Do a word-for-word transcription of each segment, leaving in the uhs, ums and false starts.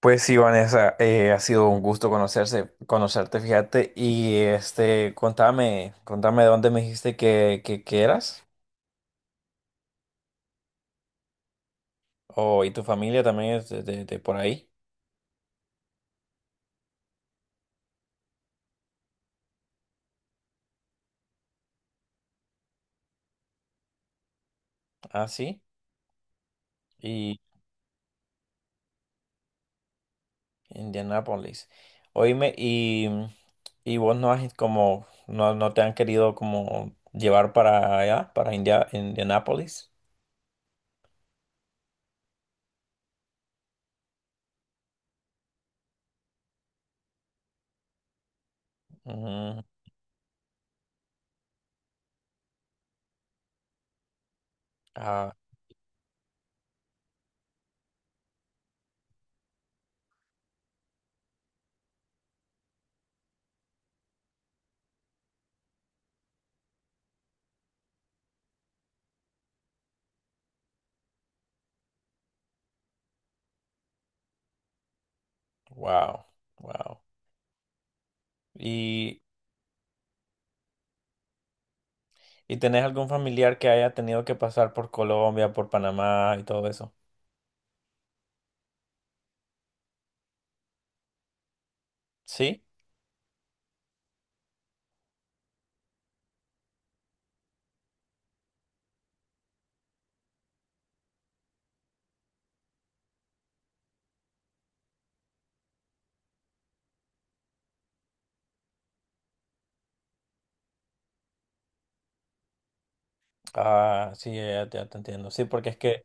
Pues sí, Vanessa, eh, ha sido un gusto conocerse, conocerte, fíjate. Y este, contame, contame de dónde me dijiste que, que, que eras. Oh, y tu familia también es de, de- de por ahí. Ah, sí. Y Indianápolis. Oíme, y, y vos no has como, no, no te han querido como llevar para allá, para India, Indianápolis. Ujú. Ah, wow, wow. ¿Y tenés algún familiar que haya tenido que pasar por Colombia, por Panamá y todo eso? Sí. Ah, sí, ya, ya te entiendo. Sí, porque es que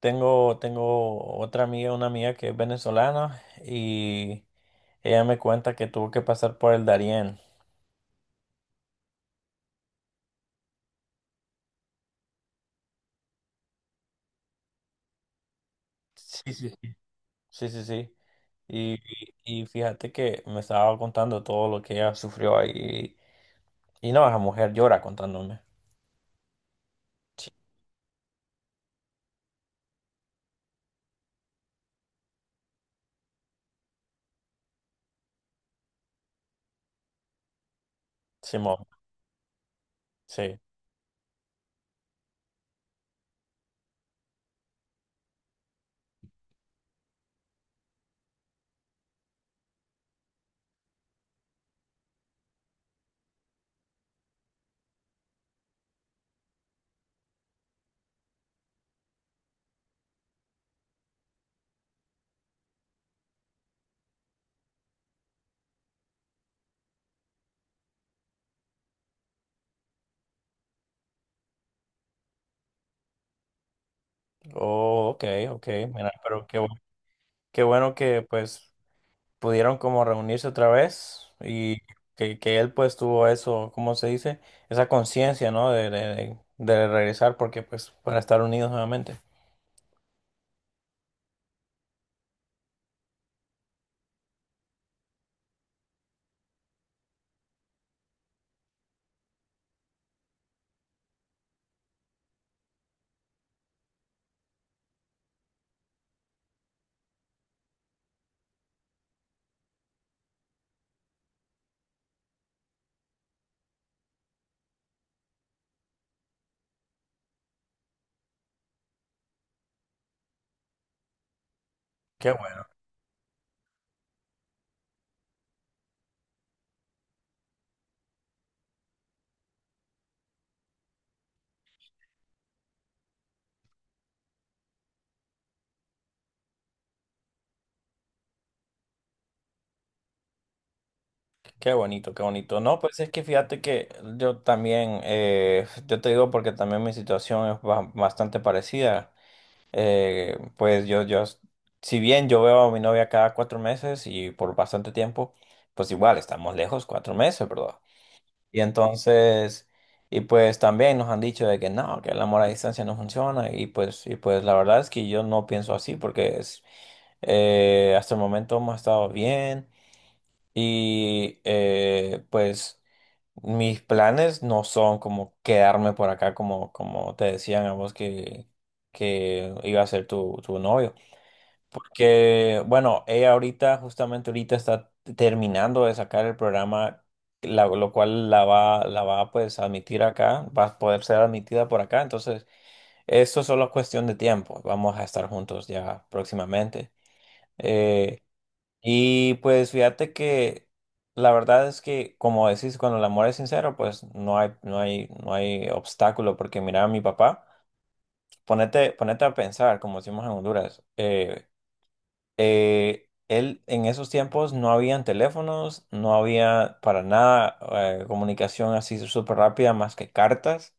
tengo, tengo otra amiga, una amiga que es venezolana y ella me cuenta que tuvo que pasar por el Darién. Sí, sí, sí. Sí, sí, sí. Y, y fíjate que me estaba contando todo lo que ella sufrió ahí. Y no, esa mujer llora contándome. Sí, Simón, sí. Oh, ok, ok. Mira, pero qué, bu- qué bueno que pues pudieron como reunirse otra vez y que, que él pues tuvo eso, ¿cómo se dice? Esa conciencia, ¿no? De, de, de regresar porque pues para estar unidos nuevamente. Qué bueno, qué bonito, qué bonito. No, pues es que fíjate que yo también, eh, yo te digo porque también mi situación es ba- bastante parecida. Eh, pues yo, yo, si bien yo veo a mi novia cada cuatro meses y por bastante tiempo, pues igual estamos lejos cuatro meses, ¿verdad? Y entonces, y pues también nos han dicho de que no, que el amor a distancia no funciona. Y pues, y pues la verdad es que yo no pienso así porque es, eh, hasta el momento hemos estado bien. Y eh, pues mis planes no son como quedarme por acá como, como te decían a vos que, que iba a ser tu, tu novio. Porque, bueno, ella ahorita, justamente ahorita está terminando de sacar el programa, la- lo cual la va, la va pues a admitir acá, va a poder ser admitida por acá. Entonces, esto solo es solo cuestión de tiempo. Vamos a estar juntos ya próximamente. Eh, y pues fíjate que la verdad es que, como decís, cuando el amor es sincero, pues no hay, no hay, no hay obstáculo. Porque mira, a mi papá, ponete, ponete a pensar, como decimos en Honduras. Eh, eh, él en esos tiempos no habían teléfonos, no había para nada eh, comunicación así súper rápida más que cartas.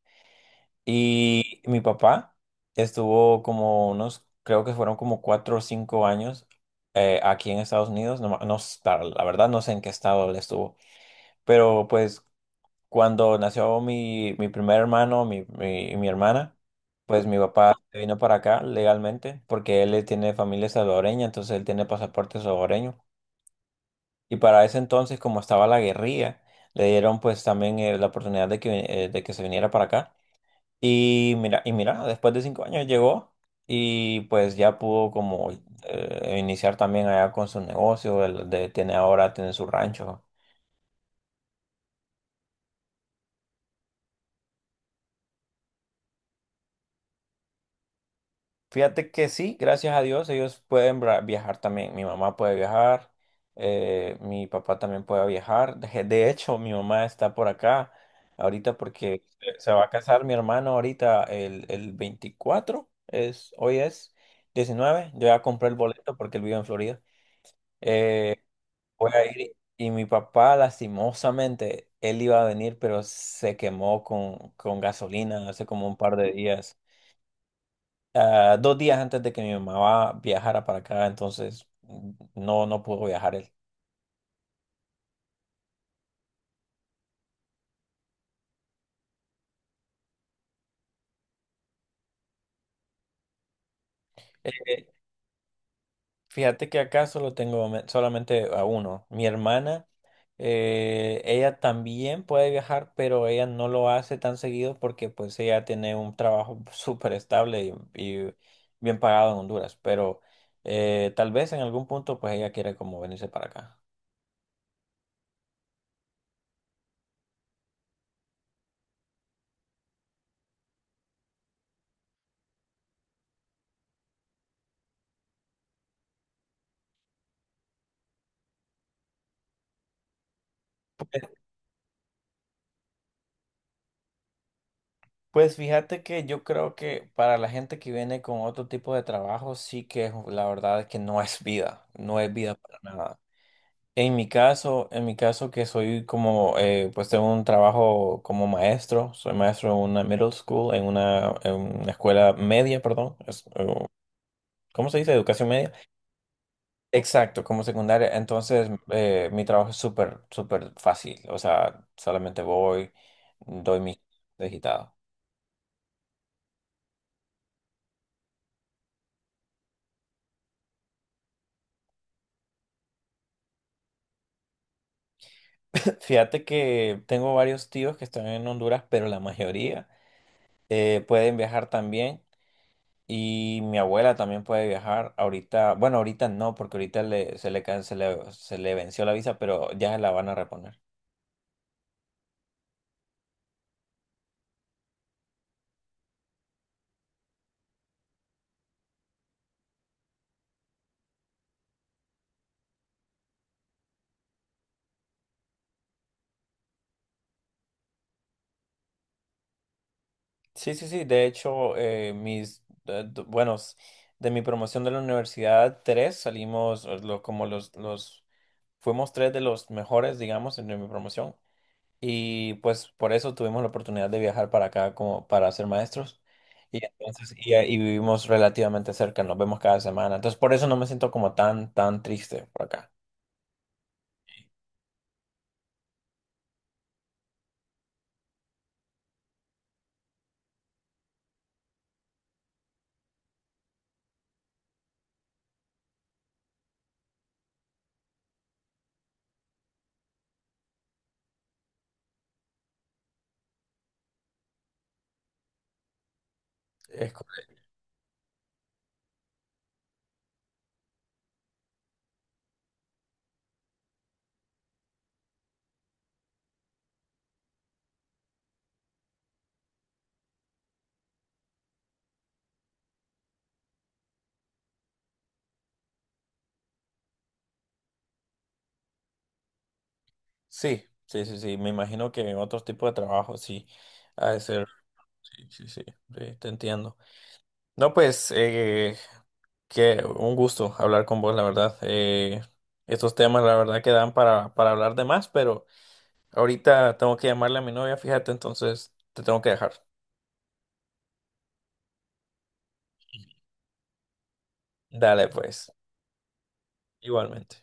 Y mi papá estuvo como unos, creo que fueron como cuatro o cinco años eh, aquí en Estados Unidos. No, ma- no s- la la verdad no sé en qué estado él estuvo, pero pues cuando nació mi, mi primer hermano, mi, mi, mi hermana, pues mi papá se vino para acá legalmente porque él eh, tiene familia salvadoreña, entonces él tiene pasaporte salvadoreño. Y para ese entonces, como estaba la guerrilla, le dieron pues también eh, la oportunidad de que, vi- eh, de que se viniera para acá. Y mira, y mira, después de cinco años llegó y pues ya pudo como eh, iniciar también allá con su negocio, el de, tiene ahora, tiene su rancho. Fíjate que sí, gracias a Dios, ellos pueden bra- viajar también. Mi mamá puede viajar, eh, mi papá también puede viajar. De, de hecho, mi mamá está por acá ahorita porque se se va a casar mi hermano ahorita el, el veinticuatro es, hoy es diecinueve. Yo ya compré el boleto porque él vive en Florida. Eh, Voy a ir y mi papá, lastimosamente, él iba a venir, pero se quemó con, con gasolina hace como un par de días ah, dos días antes de que mi mamá va- viajara para acá, entonces mm, no, no pudo viajar él. Eh, eh, Fíjate que acá solo tengo me- solamente a uno. Mi hermana, eh, ella también puede viajar, pero ella no lo hace tan seguido porque pues ella tiene un trabajo súper estable y, y bien pagado en Honduras, pero eh, tal vez en algún punto pues ella quiere como venirse para acá. Pues, Pues fíjate que yo creo que para la gente que viene con otro tipo de trabajo, sí que es- la verdad es que no es vida, no es vida para nada. En mi caso, en mi caso que soy como, eh, pues tengo un trabajo como maestro, soy maestro en una middle school, en una, en una escuela media, perdón, es, eh, ¿cómo se dice? Educación media. Exacto, como secundaria. Entonces, eh, mi trabajo es súper, súper fácil, o sea, solamente voy, doy mi digitado. Fíjate que tengo varios tíos que están en Honduras, pero la mayoría eh, pueden viajar también. Y mi abuela también puede viajar. Ahorita, bueno, ahorita no, porque ahorita le- se le, can- se le, se le venció la visa, pero ya la van a reponer. Sí, sí, sí. De hecho, eh, mis, eh, d- bueno, s- de mi promoción de la universidad, tres salimos, eh, lo- como los, los, fuimos tres de los mejores, digamos, en mi promoción. Y pues por eso tuvimos la oportunidad de viajar para acá como para ser maestros. Y entonces, y, y vivimos relativamente cerca, nos vemos cada semana. Entonces, por eso no me siento como tan, tan triste por acá. Es co- sí, sí, sí, sí. Me imagino que en otros tipos de trabajo sí ha de ser. Sí, sí, sí, sí, te entiendo. No, pues, eh, que un gusto hablar con vos, la verdad. Eh, estos temas, la verdad, que dan para, para hablar de más, pero ahorita tengo que llamarle a mi novia, fíjate, entonces te tengo que dejar. Dale, pues, igualmente.